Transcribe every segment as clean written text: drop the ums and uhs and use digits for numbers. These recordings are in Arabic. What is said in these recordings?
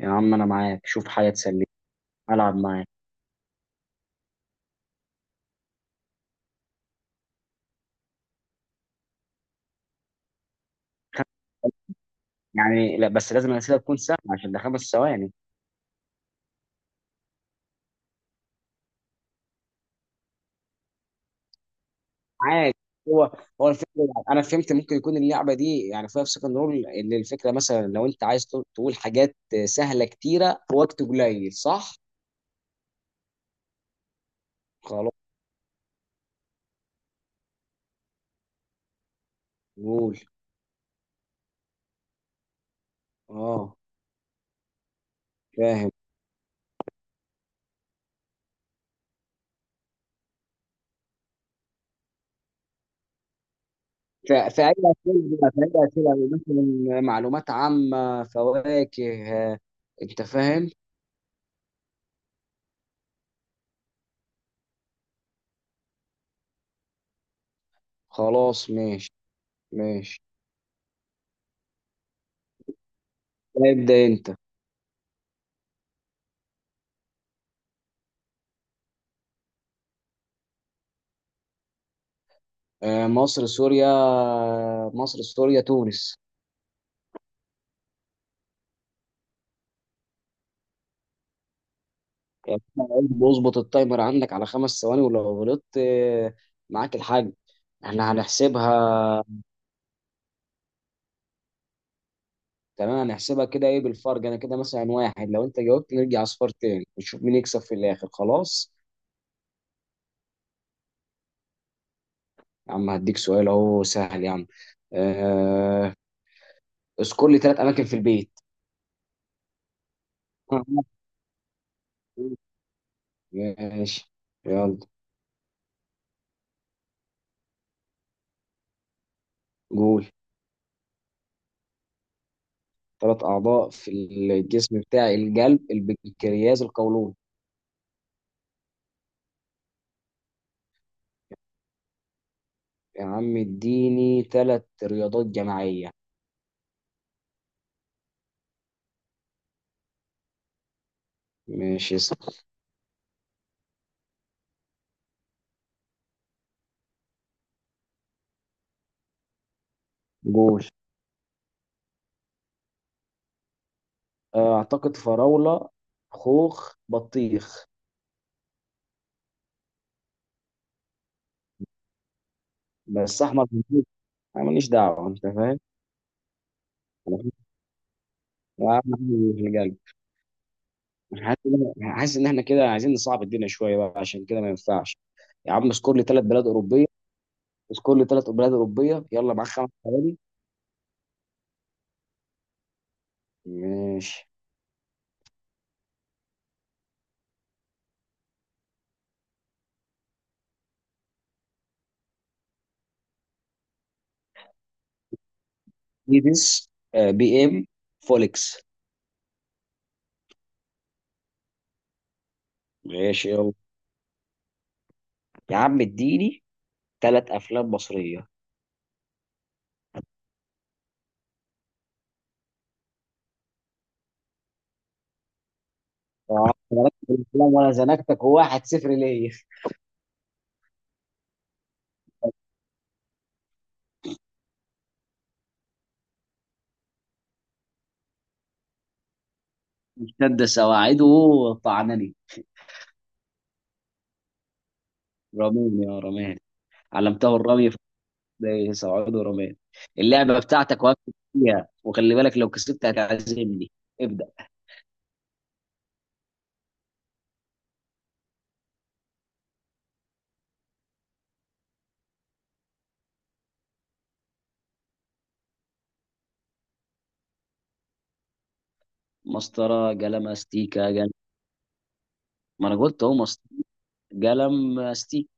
يا عم انا معاك، شوف حاجه تسليني. العب معاك. خم- يعني لا، بس لازم الاسئله تكون سهله عشان ده 5 ثواني. معاك. هو هو الفكره، انا فهمت. ممكن يكون اللعبه دي يعني فيها في سكند رول ان الفكره مثلا لو انت عايز تقول حاجات سهله كتيره في وقت قليل، صح؟ خلاص. قول. اه. فاهم. ف- فأي فأي أسئلة مثلا، معلومات عامة، فواكه، آه، أنت فاهم؟ خلاص ماشي. ماشي. ابدأ أنت. آه، مصر سوريا تونس. يعني أنا قلت بظبط، التايمر عندك على 5 ثواني ولو غلطت آه، معاك الحاج. احنا هنحسبها. تمام هنحسبها كده. ايه بالفرق؟ انا كده مثلا واحد، لو انت جاوبت نرجع اصفار تاني ونشوف مين يكسب في الاخر. خلاص. يا عم هديك سؤال اهو سهل يا عم، آه، اذكر لي ثلاث اماكن في البيت. ماشي. يلا. قول. ثلاث اعضاء في الجسم بتاعي، القلب البنكرياس القولون. يا عم اديني ثلاث رياضات جماعية. ماشي صح. قول، آه، اعتقد فراولة، خوخ، بطيخ. بس احمر في البيت. انا ماليش دعوة، انت فاهم. أنا حاسس- يا عم أحمر في القلب. أنا حاسس ان احنا كده عايزين نصعب الدنيا شوية بقى، عشان كده ما ينفعش. يا عم اذكر لي ثلاث بلاد أوروبية. اذكر لي ثلاث بلاد أوروبية، يلا معاك 5 ثواني. ماشي. ايدس، آه، بي ام، فولكس. ماشي. يلا يا عم اديني ثلاث افلام مصرية. آه، أنا ركبت الأفلام وأنا زنقتك 1-0 ليا. اشتد سواعده، طعنني. رميني يا رماني. علمته الرمي. سواعده رماني. اللعبة بتاعتك وقفت فيها، وخلي بالك لو كسبت هتعزمني. ابدأ. مسطرة قلم استيكة قلم. ما أنا قلت أهو مسطرة قلم استيكة.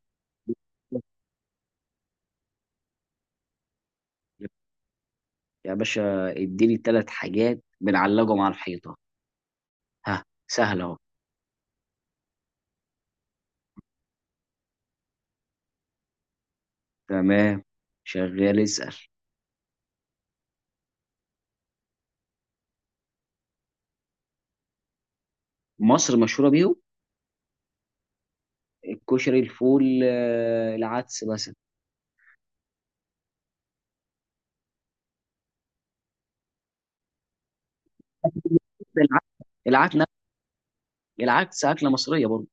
يا باشا اديني ثلاث حاجات بنعلقهم على الحيطة، ها، سهلة أهو. تمام، شغال، اسأل. مصر مشهورة بيهم، الكشري الفول آه، العدس مثلا. العدس العدس نفس- العدس اكله مصريه برضه.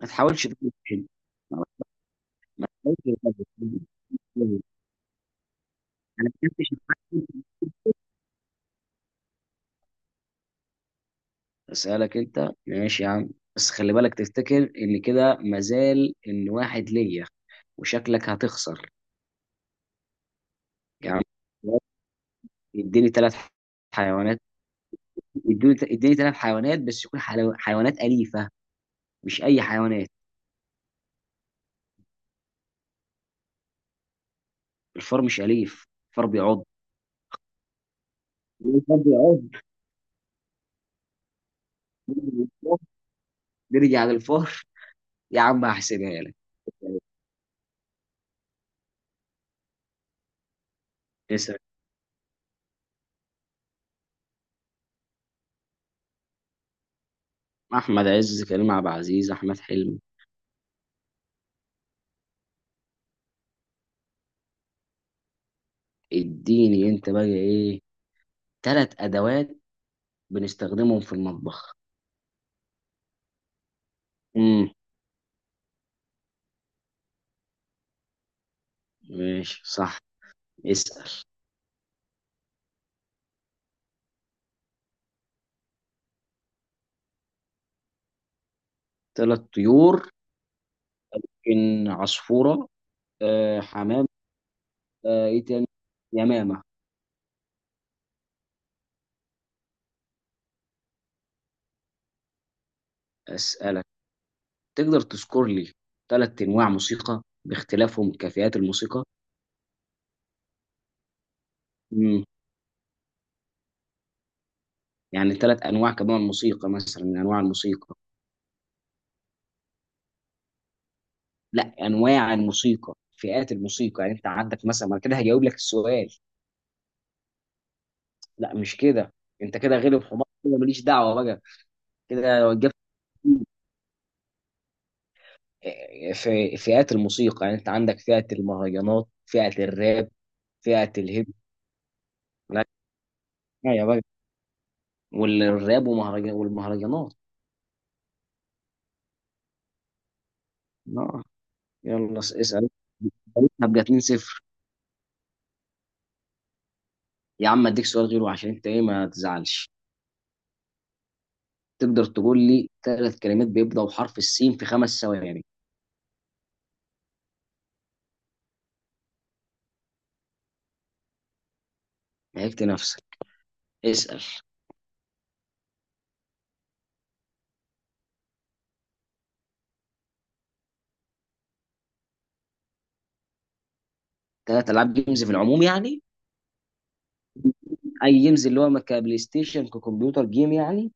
ما تحاولش تقول كده. ما تحاولش تقول كده. انا ما أكلتش العدس. اسالك انت ماشي يا عم، بس خلي بالك تفتكر ان كده مازال ان واحد ليا وشكلك هتخسر. يا عم اديني ثلاث حيوانات اديني ثلاث حيوانات بس يكون حيوانات أليفة، مش أي حيوانات. الفار مش أليف، الفار بيعض. الفار بيعض. نرجع للفار. يا عم هحسبها لك. اسال. احمد عز، كريم عبد العزيز، احمد حلمي. اديني انت بقى ايه، ثلاث ادوات بنستخدمهم في المطبخ. امم. ماشي صح. اسال. ثلاث طيور. ان عصفوره. آه حمام. آه ايه تاني، يمامه. اسالك، تقدر تذكر لي ثلاث انواع موسيقى باختلافهم كفئات الموسيقى. امم. يعني ثلاث انواع كمان موسيقى، مثلا من انواع الموسيقى. لا، انواع الموسيقى، فئات الموسيقى. يعني انت عندك مثلا، ما أنا كده هجاوب لك السؤال. لا مش كده. انت كده غلب حمار، كده ماليش دعوه بقى. كده جبت في فئات الموسيقى، يعني انت عندك فئه المهرجانات، فئه الراب، فئه الهيب. لا. يا بقى. والراب ومهرجان والمهرجانات. اه. يلا اسال، هبقى 2-0. يا عم اديك سؤال غيره عشان انت ايه ما تزعلش. تقدر تقول لي ثلاث كلمات بيبداوا بحرف السين في 5 ثواني. لعبت نفسك. اسال. ثلاث العاب جيمز في العموم يعني. اي جيمز، اللي هو كبلاي ستيشن، ككمبيوتر جيم يعني.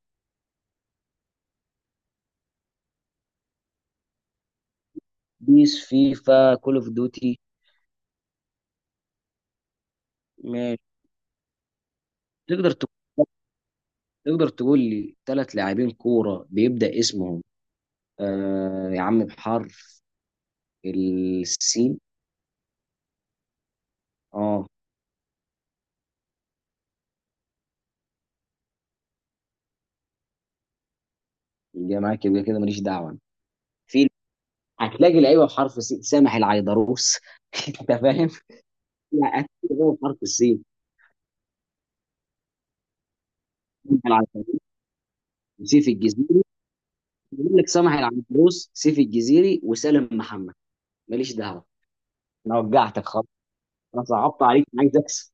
بيس، فيفا، كول اوف ديوتي. ماشي. تقدر تقول تقدر تقول لي ثلاث لاعبين كوره بيبدا اسمهم آه يا عم بحرف السين. اه. يبقى معاك، يبقى كده ماليش دعوه أنا. في، هتلاقي لعيبه بحرف السين، سامح العيدروس. انت فاهم؟ لا هتلاقي لعيبة بحرف السين، سامح العيدروس وسيف الجزيري. بيقول لك سامح العيدروس، سيف الجزيري، وسالم محمد. ماليش دعوه. انا وجعتك خالص. انا صعبت عليك، انا عايز اكسب.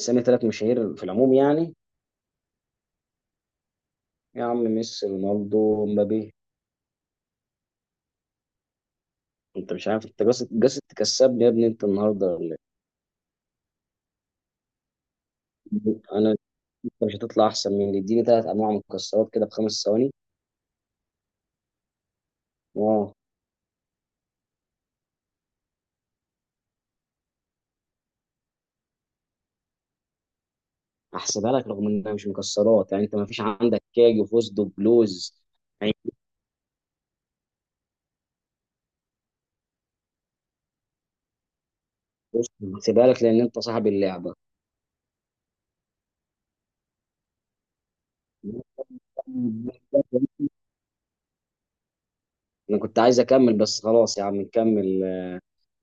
سامي ثلاث مشاهير في العموم يعني. يا عم، ميسي، رونالدو، مبابي. انت مش عارف، انت قاصد تكسبني يا ابني انت النهارده، ولا إيه؟ انا، انت مش هتطلع احسن مني. اديني ثلاث انواع مكسرات كده ب5 ثواني. اه. هحسبها لك رغم انها مش مكسرات، يعني انت ما فيش عندك كاج وفوزدو بلوز يعني. بص، هحسبها لك لان انت صاحب اللعبه. انا كنت عايز اكمل بس خلاص يا عم نكمل،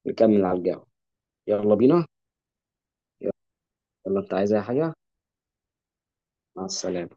نكمل على القهوه. يلا بينا. يلا انت عايز اي حاجه. مع السلامة.